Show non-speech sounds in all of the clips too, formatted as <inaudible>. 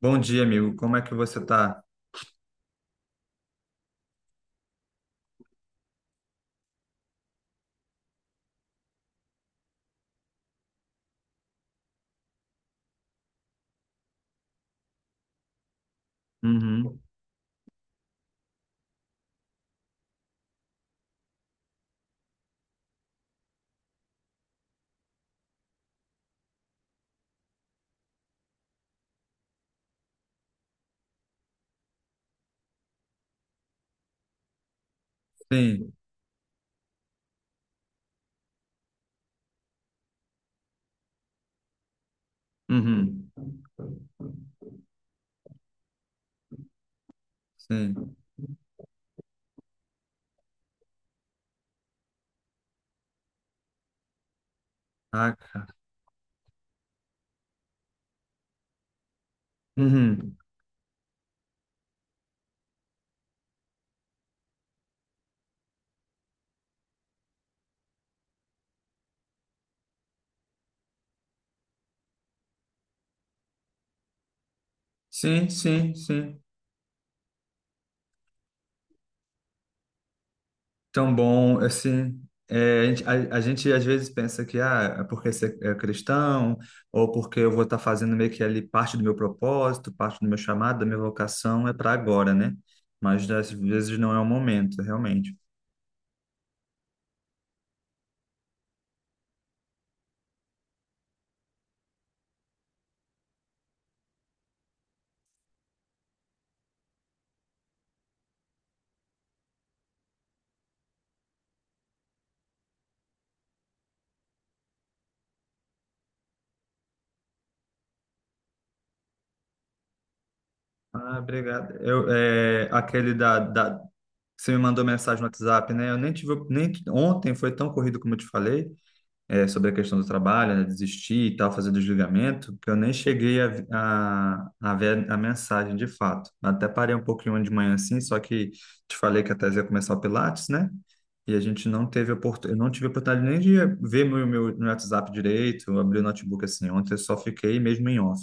Bom dia, amigo. Como é que você tá? Uhum. Sim. Uhum. Sim. Ah, cara. Uhum. Sim, sim, sim. Tão bom, assim. A gente às vezes pensa que ah, é porque você é cristão, ou porque eu vou estar fazendo meio que ali parte do meu propósito, parte do meu chamado, da minha vocação, é para agora, né? Mas às vezes não é o momento, realmente. Ah, obrigado. Eu, é, aquele da, da, Você me mandou mensagem no WhatsApp, né? Eu nem tive, nem ontem foi tão corrido como eu te falei, sobre a questão do trabalho, né? Desistir e tal, fazer desligamento, que eu nem cheguei a ver a mensagem de fato. Até parei um pouquinho de manhã assim, só que te falei que a Thais ia começar o Pilates, né? E a gente não teve oportunidade, eu não tive oportunidade nem de ver meu WhatsApp direito, eu abri o notebook assim. Ontem eu só fiquei mesmo em off.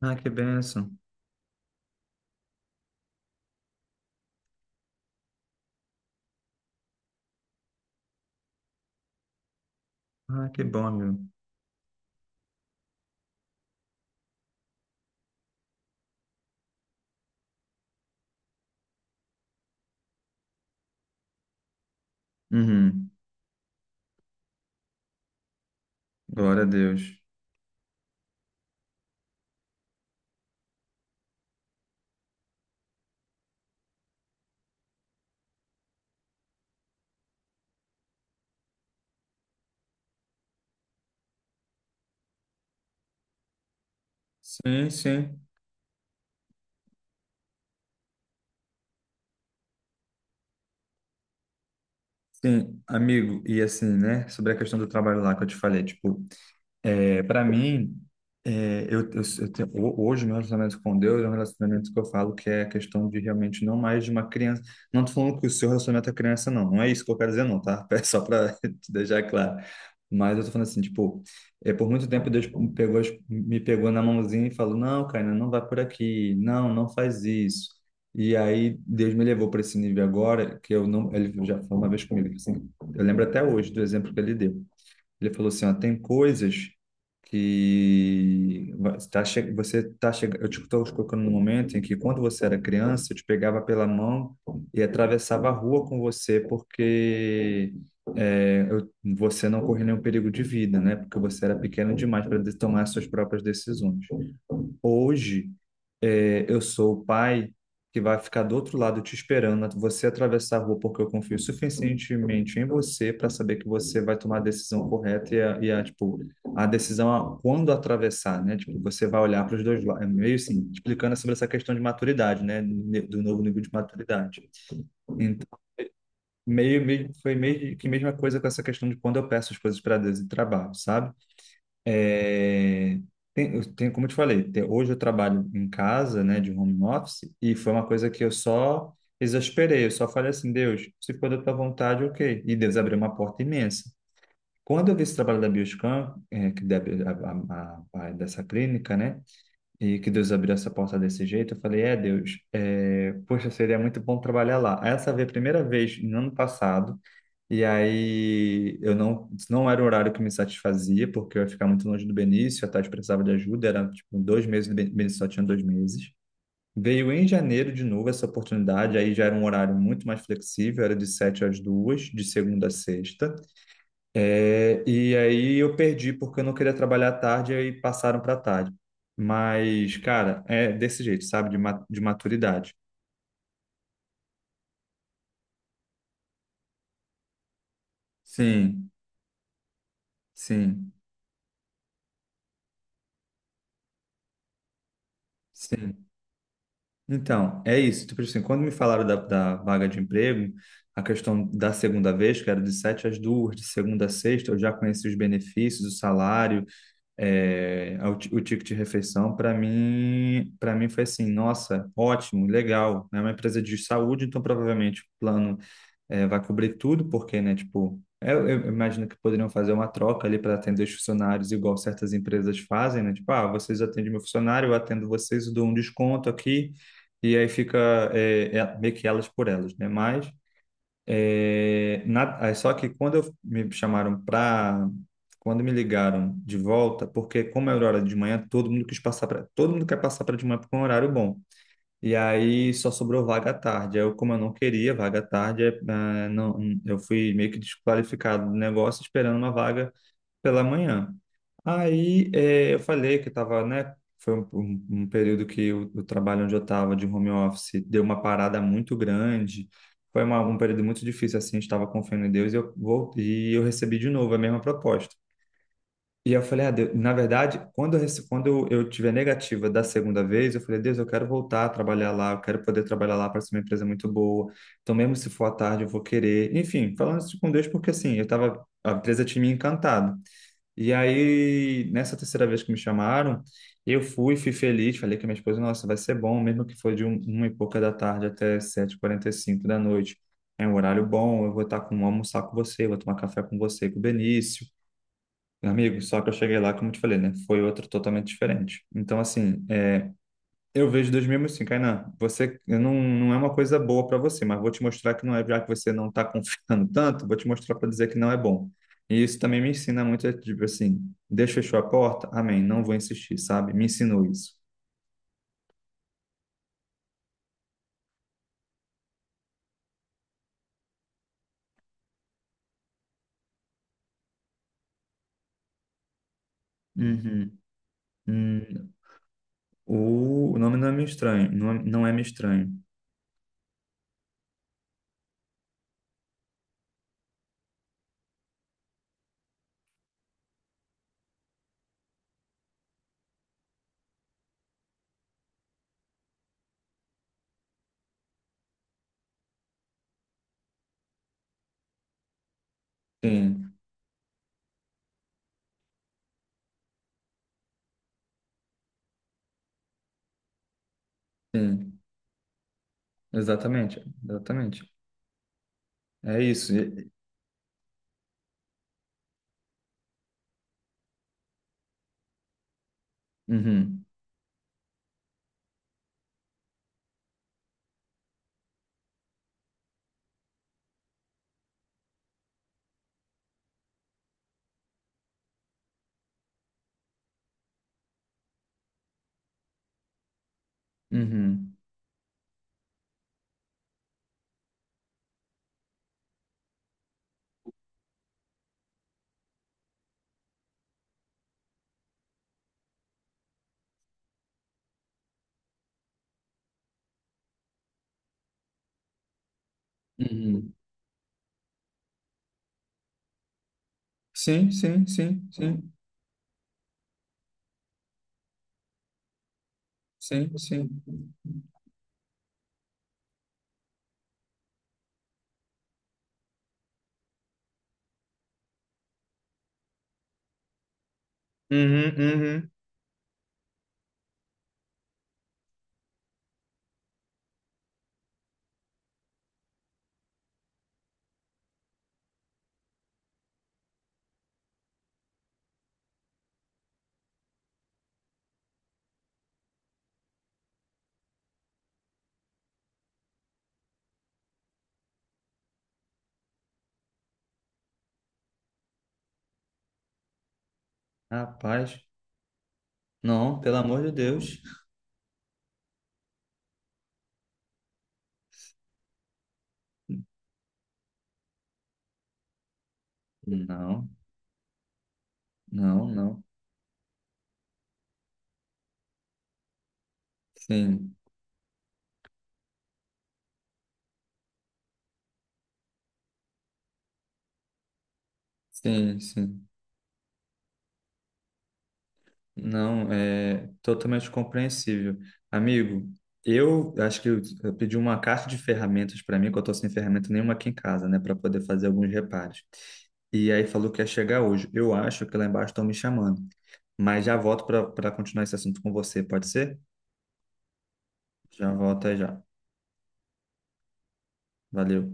Ah, que bênção. Ah, que bom, meu. Uhum. Glória a Deus. Sim, sim. Sim, amigo, e assim, né, sobre a questão do trabalho lá que eu te falei, tipo, para mim, eu tenho, hoje meu relacionamento com Deus é um relacionamento que eu falo que é a questão de realmente não mais de uma criança. Não tô falando que o seu relacionamento é criança, não. Não é isso que eu quero dizer, não, tá? <laughs> É só para <laughs> te deixar claro. Mas eu tô falando assim, tipo, por muito tempo Deus me pegou, me pegou na mãozinha e falou, não, Caína, não vai por aqui. Não, não faz isso. E aí Deus me levou para esse nível agora que eu não. Ele já falou uma vez comigo, assim, eu lembro até hoje do exemplo que ele deu. Ele falou assim, ó, tem coisas que você tá chegando, eu te estou colocando no momento em que quando você era criança, eu te pegava pela mão e atravessava a rua com você porque é, eu- você não corria nenhum perigo de vida, né? Porque você era pequeno demais para tomar suas próprias decisões. Hoje, eu sou o pai que vai ficar do outro lado te esperando você atravessar a rua, porque eu confio suficientemente em você para saber que você vai tomar a decisão correta e a, tipo, a decisão a quando atravessar, né? Tipo, você vai olhar para os dois lados. É meio assim, explicando sobre essa questão de maturidade, né? Do novo nível de maturidade. Então, foi meio que a mesma coisa com essa questão de quando eu peço as coisas para Deus em trabalho, sabe? É, tem, eu tenho- como eu te falei, hoje eu trabalho em casa, né, de home office, e foi uma coisa que eu só exasperei, eu só falei assim, Deus, se for da tua vontade, ok. E Deus abriu uma porta imensa. Quando eu vi esse trabalho da Bioscan, é, que deve, dessa clínica, né, e que Deus abriu essa porta desse jeito, eu falei, Deus, é, poxa, seria muito bom trabalhar lá. Essa foi a primeira vez, no ano passado, e aí eu não, não era o horário que me satisfazia, porque eu ia ficar muito longe do Benício, a Tati precisava de ajuda, era tipo 2 meses, o Benício só tinha 2 meses. Veio em janeiro de novo essa oportunidade, aí já era um horário muito mais flexível, era de sete às duas, de segunda a sexta. É, e aí eu perdi porque eu não queria trabalhar à tarde e passaram para tarde. Mas, cara, é desse jeito, sabe? De maturidade. Sim, sim, sim. Então, é isso. Tipo assim, quando me falaram da vaga de emprego, a questão da segunda vez, que era de sete às duas, de segunda a sexta, eu já conheci os benefícios, o salário, o ticket de refeição. Para mim foi assim, nossa, ótimo, legal. É uma empresa de saúde, então provavelmente o plano vai cobrir tudo, porque, né, tipo, eu imagino que poderiam fazer uma troca ali para atender os funcionários, igual certas empresas fazem, né? Tipo, ah, vocês atendem meu funcionário, eu atendo vocês, eu dou um desconto aqui, e aí fica meio que elas por elas, né? Mas, aí só que quando me chamaram para. Quando me ligaram de volta, porque como era hora de manhã, todo mundo quis passar para, todo mundo quer passar para de manhã porque é um horário bom. E aí só sobrou vaga à tarde. Aí eu, como eu não queria vaga à tarde, ah, não, eu fui meio que desqualificado do negócio esperando uma vaga pela manhã. Aí eu falei que estava, né? Foi um período que o trabalho onde eu estava de home office deu uma parada muito grande. Foi um período muito difícil, assim, estava confiando em Deus e eu voltei, e eu recebi de novo a mesma proposta. E eu falei, ah, Deus, na verdade, quando eu, rece- quando eu tive a negativa da segunda vez, eu falei, Deus, eu quero voltar a trabalhar lá, eu quero poder trabalhar lá, parece uma empresa muito boa. Então, mesmo se for à tarde, eu vou querer. Enfim, falando isso com Deus, porque assim, eu tava, a empresa tinha me encantado. E aí, nessa terceira vez que me chamaram, eu fui, fui feliz, falei com a minha esposa, nossa, vai ser bom, mesmo que for de uma e pouca da tarde até 7:45 da noite. É um horário bom, eu vou estar com, almoçar com você, vou tomar café com você, com o Benício. Amigo, só que eu cheguei lá, como eu te falei, né? Foi outro totalmente diferente. Então, assim, eu vejo 2005, Kainan, você não, não é uma coisa boa para você, mas vou te mostrar que não é, já que você não está <laughs> confiando tanto, vou te mostrar para dizer que não é bom. E isso também me ensina muito, é tipo assim, Deus fechou a porta, amém, não vou insistir, sabe? Me ensinou isso. Uhum. Hum, o nome não é meio estranho, não, não é meio estranho. Sim, sim, exatamente, exatamente. É isso. Uhum, uhum. Uhum. Sim, sim, sim, sim, sim, sim. Uhum, uhum. Rapaz, não, pelo amor de Deus. Não, não, não. Sim, sim, sim. Não, é totalmente compreensível. Amigo, eu acho que eu pedi uma caixa de ferramentas para mim, que eu tô sem ferramenta nenhuma aqui em casa, né, para poder fazer alguns reparos. E aí falou que ia chegar hoje. Eu acho que lá embaixo estão me chamando. Mas já volto para continuar esse assunto com você, pode ser? Já volto aí já. Valeu.